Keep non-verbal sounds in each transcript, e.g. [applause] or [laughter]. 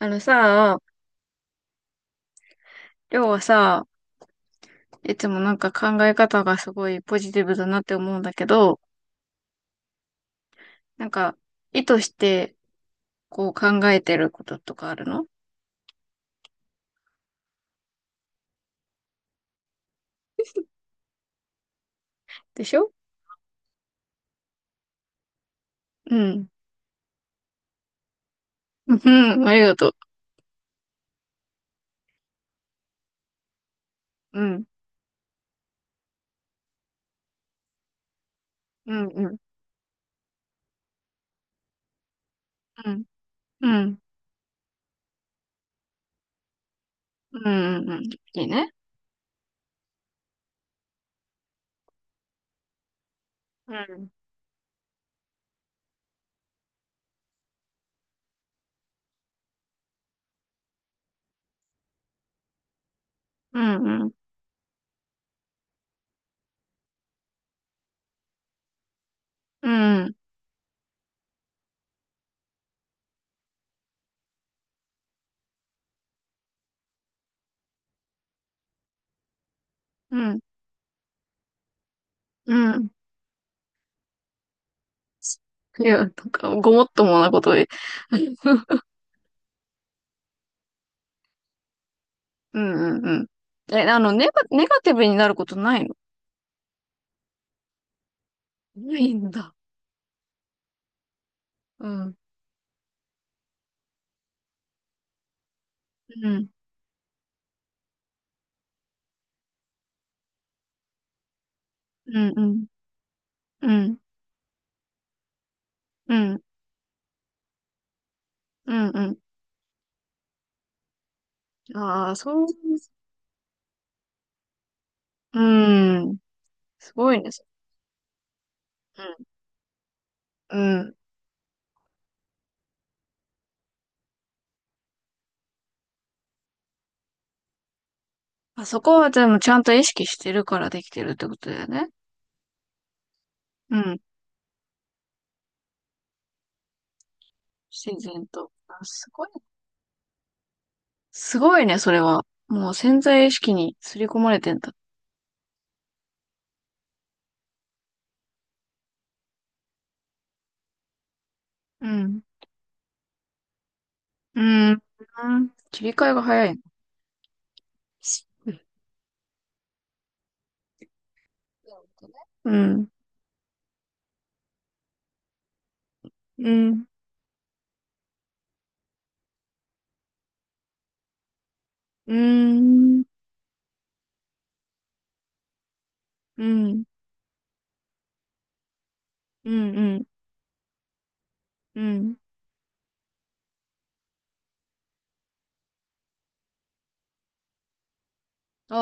あのさ、りょうはさ、いつもなんか考え方がすごいポジティブだなって思うんだけど、なんか意図してこう考えてることとかあるの。でしょ。うん。うん、ありがとう。うん、うん、うん、うん、うん、うん、うん、いいね。うん、うん、うん、うん、うん、うん。いや、なんかごもっともなことで。[laughs] うん、うん、うん。え、ネガティブになることないの。ないんだ。うん、うん、うん、うん。うんうん、うん、うん。ああ、そう、うん。すごいね。そうん、うん。まあそこはでもちゃんと意識してるからできてるってことだよね。うん。自然と。あ、すごいね。すごいね、それは。もう潜在意識に刷り込まれてんだ。うん。うん。うん、切り替えが早いね。うん。うん。うん。うん。うん。うん。うん。あ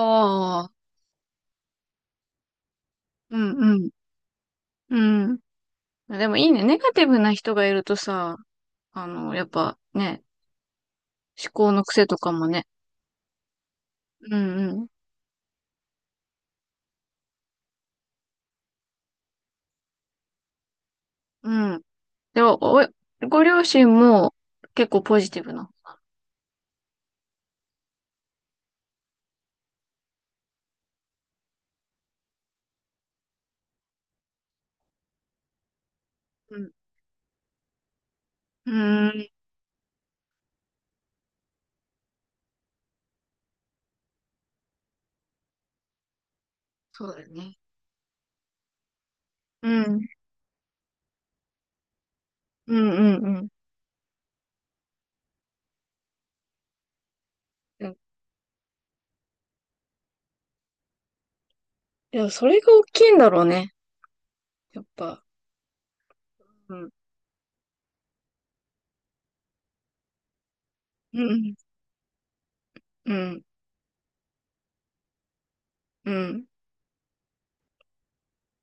あ。うん。うん。うん。でもいいね。ネガティブな人がいるとさ、あの、やっぱね、思考の癖とかもね。うんうん。うん。でも、ご両親も結構ポジティブな。うん。うーん。そうだよね。うん。うんうんうん。うん、いや、それが大きいんだろうね。やっぱ。うん。うんうん。うん。うん、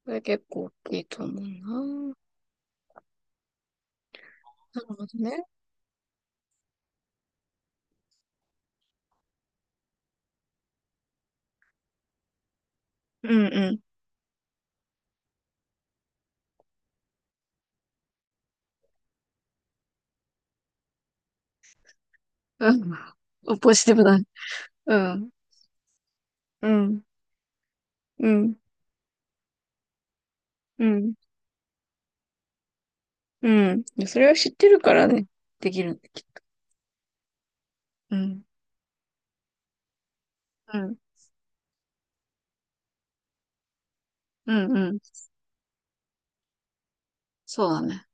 それ結構大きいと思うな。なるほどね。うんうん。うん。[laughs] ポジティブだね。うん。うん。うん。うん。うん、いやそれは知ってるからね、できるんでき、うんうんうんうん、そうだね、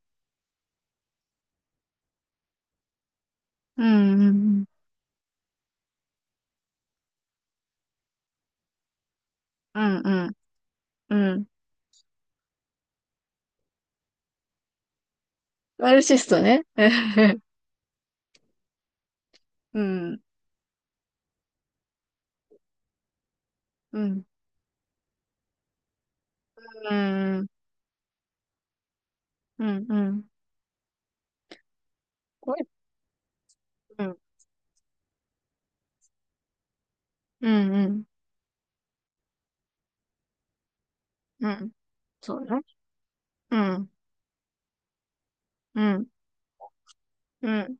うんうんうんうんうんうん、マルシストね、[laughs] うんうんうんうんうんうんうんうんうんうん、そうね、うんうんうん、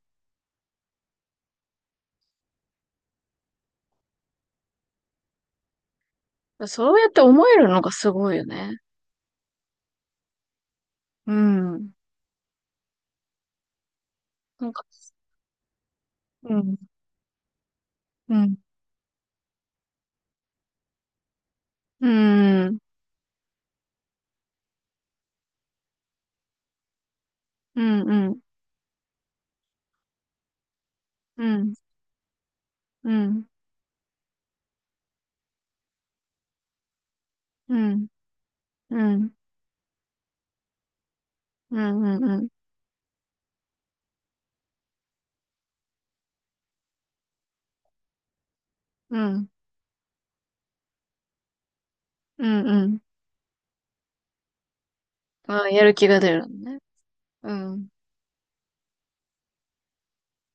あそうやって思えるのがすごいよね、うん、なんか、うんうんうんうんうんうんうんうんうんうんうんうんうん。うんうん。ああ、やる気が出るのね。うん。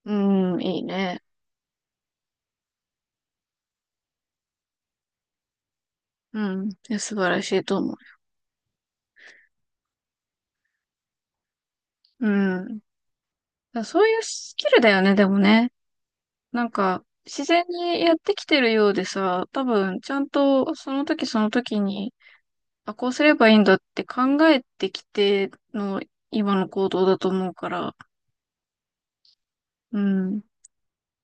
うん、いいね。うん。いや素晴らしいと思う。うん。だそういうスキルだよね、でもね。なんか、自然にやってきてるようでさ、多分、ちゃんと、その時その時に、あ、こうすればいいんだって考えてきての、今の行動だと思うから、うん。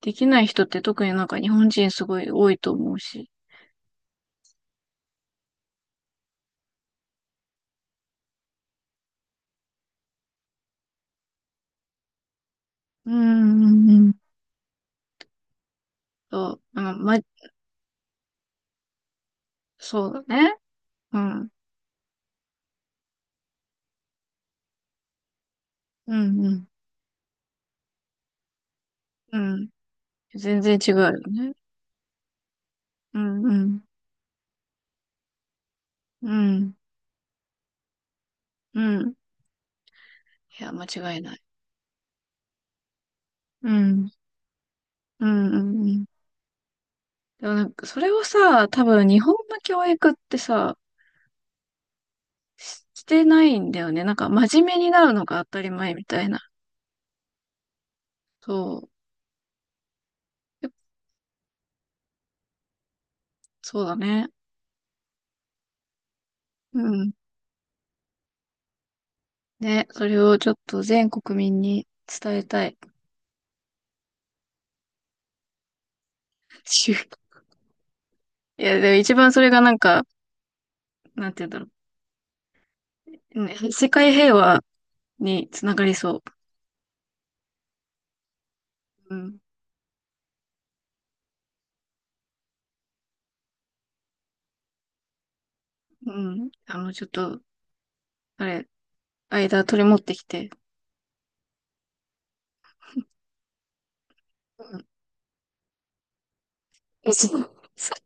できない人って特になんか日本人すごい多いと思うし。うん、うん、うん。そう、うん、ま、そうだね。うん、うん、うん。うん。全然違うよね。うん、うん、うん、うん。いや、間違いない。うん、うん、うん。うん、でもなんか、それをさ、多分日本の教育ってさ、ししてないんだよね。なんか、真面目になるのが当たり前みたいな。そう。そうだね。うん。ね、それをちょっと全国民に伝えたい。[laughs] ちゅいや、でも一番それがなんか、なんて言うんだろう。ね、世界平和につながりそう。うん。うん。あの、ちょっと、あれ、間取り持ってきて。うん、そう。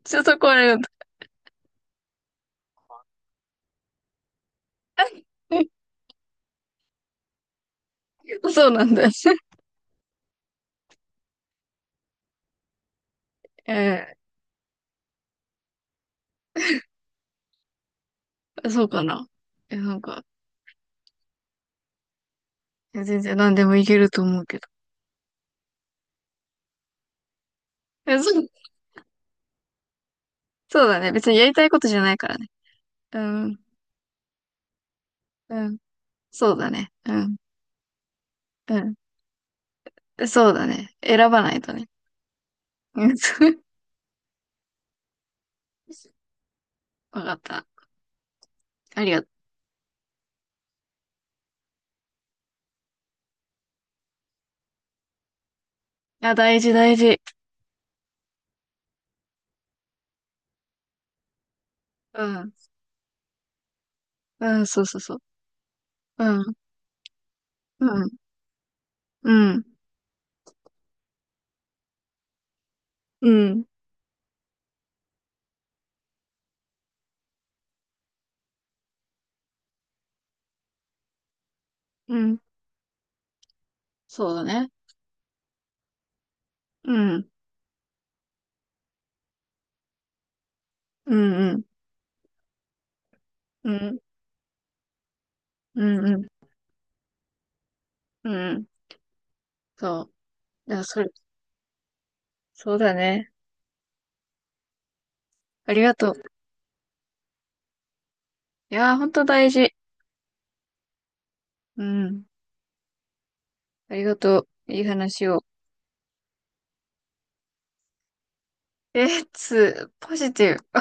ちょっとこれ、[laughs] そうなんだ。[laughs] えそうかな。え、なんか、全然何でもいけると思うけど。え、そう、そうだね。別にやりたいことじゃないからね。うん、うん、そうだね。うん、うん、そうだね。選ばないとね。うん [laughs] わかった。ありがとう。あ、大事大事。うん、うん、そうそうそう。うん、うん、うん、うん、うん、そうだね。うん、うん、うん、うん。うんうん。うんうん。そう。いや、それ、そうだね。ありがとう。いやー、ほんと大事。うん。ありがとう。いい話を。え、ポジティブ。